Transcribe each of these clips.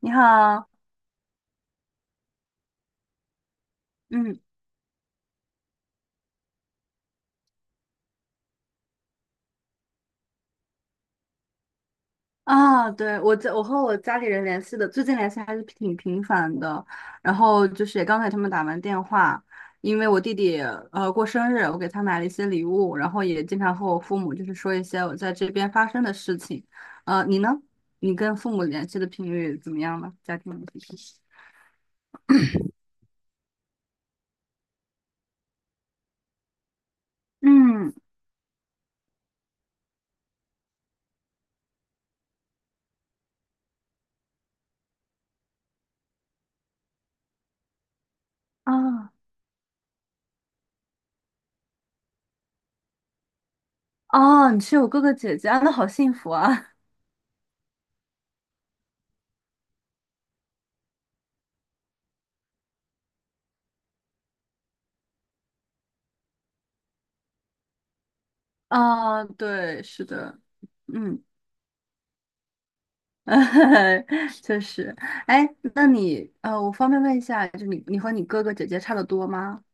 你好，嗯，啊，对，我和我家里人联系的，最近联系还是挺频繁的。然后就是也刚才他们打完电话，因为我弟弟过生日，我给他买了一些礼物，然后也经常和我父母就是说一些我在这边发生的事情。你呢？你跟父母联系的频率怎么样呢？家庭联系频率？嗯，啊，哦，你是有哥哥姐姐啊，那好幸福啊！啊，对，是的，嗯。确实，哎，那你我方便问一下，就你和你哥哥姐姐差的多吗？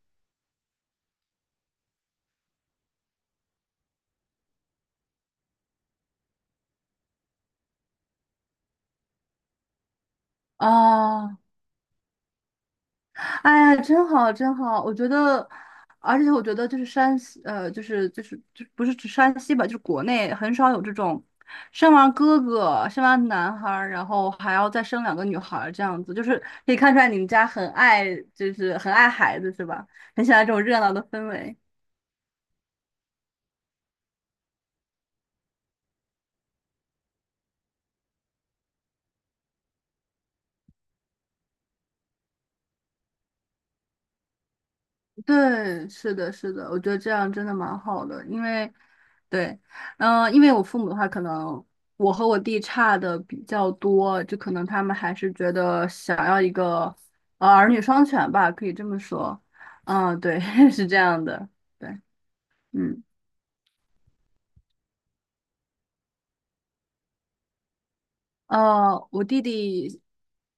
哦，哎呀，真好，真好，我觉得，而且我觉得就是山西，就不是指山西吧，就是国内很少有这种生完哥哥，生完男孩儿，然后还要再生两个女孩儿这样子，就是可以看出来你们家很爱，就是很爱孩子是吧？很喜欢这种热闹的氛围。对，是的，是的，我觉得这样真的蛮好的，因为，对，嗯，因为我父母的话，可能我和我弟差的比较多，就可能他们还是觉得想要一个儿女双全吧，可以这么说，嗯，对，是这样的，对，嗯，我弟弟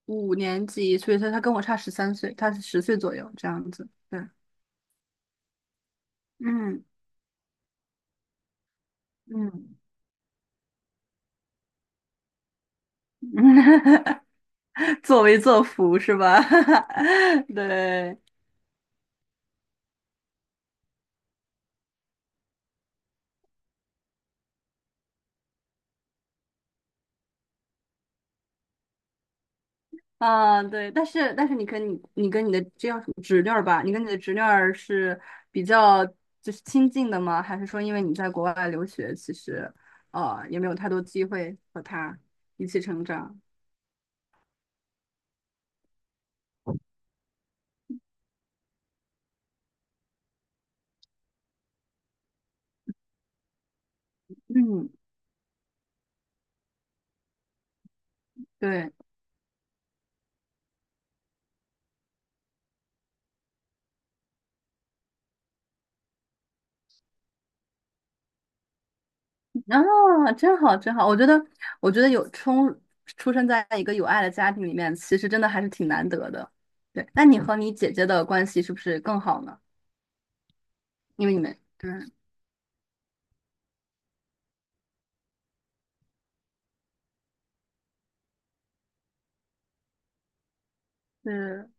五年级，所以说他跟我差13岁，他是10岁左右这样子，对，嗯嗯，作威作福是吧？对，啊，对，但是你跟你的这样侄女儿吧？你跟你的侄女儿是比较就是亲近的吗？还是说因为你在国外留学，其实也没有太多机会和她一起成长？嗯，对，啊，真好真好，我觉得出生在一个有爱的家庭里面，其实真的还是挺难得的。对，那你和你姐姐的关系是不是更好呢？因为你们对。是，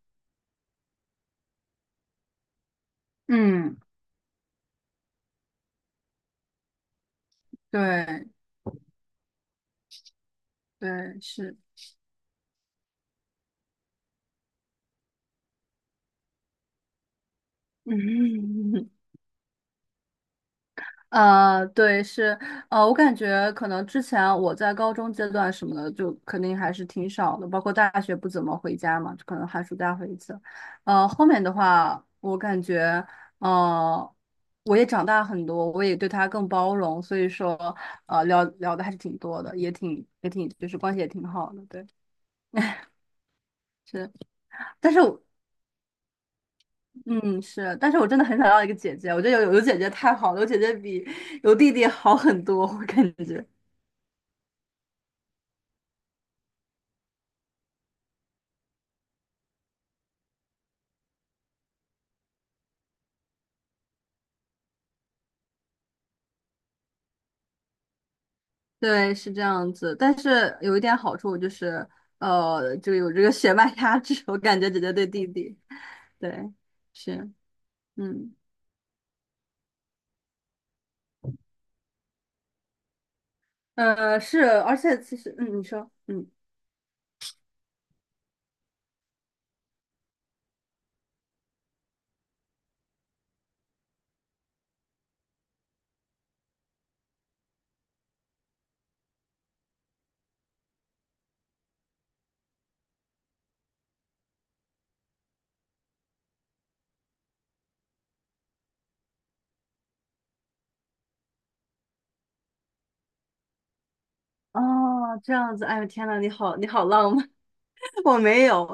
嗯，对对是，嗯，啊，对是，我感觉可能之前我在高中阶段什么的，就肯定还是挺少的，包括大学不怎么回家嘛，就可能寒暑假回一次。后面的话，我感觉，呃，我也长大很多，我也对他更包容，所以说，聊聊的还是挺多的，也挺也挺，就是关系也挺好的，对。是，但是我嗯，是，但是我真的很想要一个姐姐，我觉得有姐姐太好了，有姐姐比有弟弟好很多，我感觉。对，是这样子，但是有一点好处就是，就有这个血脉压制，我感觉姐姐对弟弟，对，是，嗯，是，而且其实，嗯，你说，嗯。哦，这样子，哎呦天呐，你好，你好浪漫，我没有，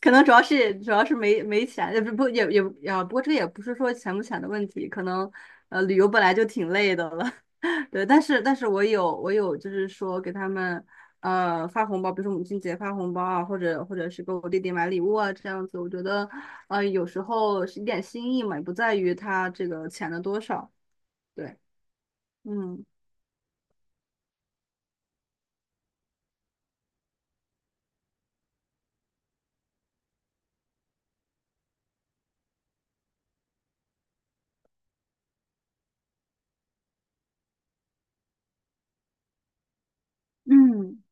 可能主要是没钱，也不不也也啊，不过这个也不是说钱不钱的问题，可能旅游本来就挺累的了，对，但是我有就是说给他们发红包，比如说母亲节发红包啊，或者是给我弟弟买礼物啊，这样子，我觉得有时候是一点心意嘛，也不在于他这个钱的多少，对，嗯嗯。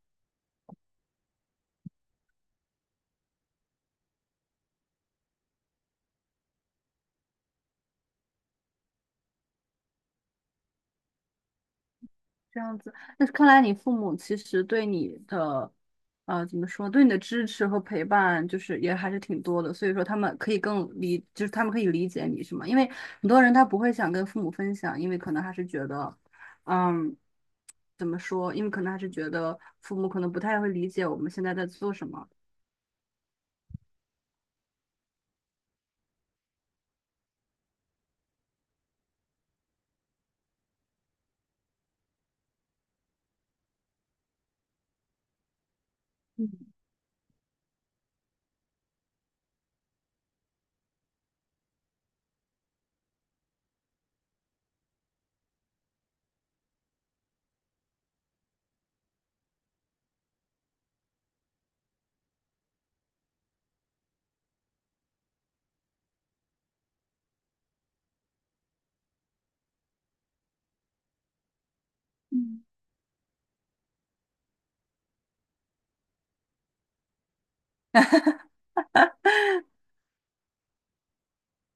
这样子，那看来你父母其实对你的，怎么说，对你的支持和陪伴，就是也还是挺多的。所以说，他们可以更理，就是他们可以理解你，是吗？因为很多人他不会想跟父母分享，因为可能还是觉得，嗯，怎么说？因为可能还是觉得父母可能不太会理解我们现在在做什么。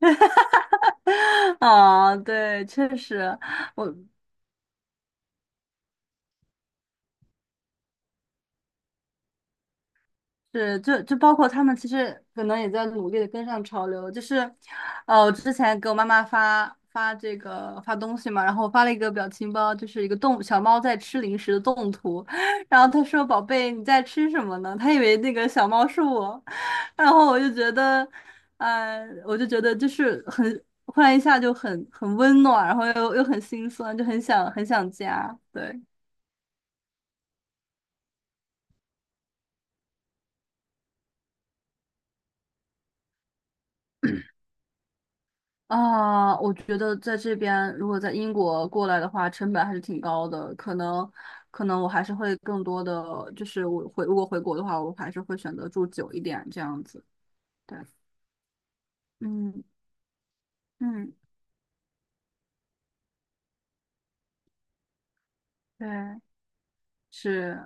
啊，对，确实，是，就包括他们其实可能也在努力的跟上潮流，就是，我之前给我妈妈发发这个发东西嘛，然后我发了一个表情包，就是一个动小猫在吃零食的动图，然后她说：“宝贝，你在吃什么呢？”她以为那个小猫是我，然后我就觉得，嗯，我就觉得就是很，忽然一下就很温暖，然后又很心酸，就很想很想家，对。啊，我觉得在这边，如果在英国过来的话，成本还是挺高的。可能，可能我还是会更多的，就是我回，如果回国的话，我还是会选择住久一点这样子。对，嗯嗯，对，是。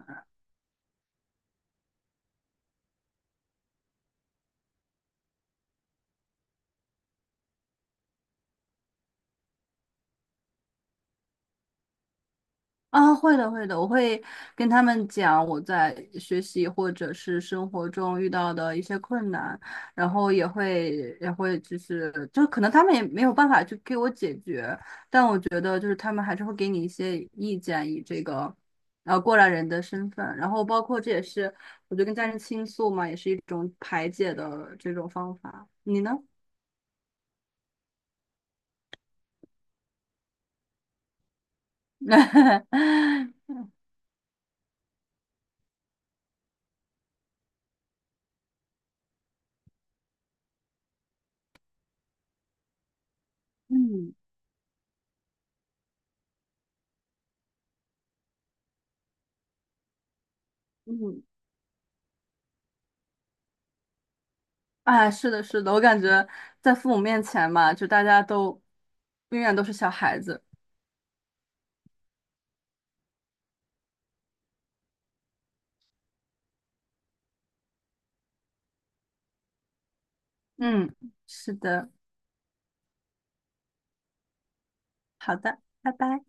啊，会的，会的，我会跟他们讲我在学习或者是生活中遇到的一些困难，然后也会就是就可能他们也没有办法去给我解决，但我觉得就是他们还是会给你一些意见，以这个过来人的身份，然后包括这也是我觉得跟家人倾诉嘛，也是一种排解的这种方法。你呢？嗯嗯哎，是的，是的，我感觉在父母面前嘛，就大家都永远都是小孩子。嗯，是的，好的，拜拜。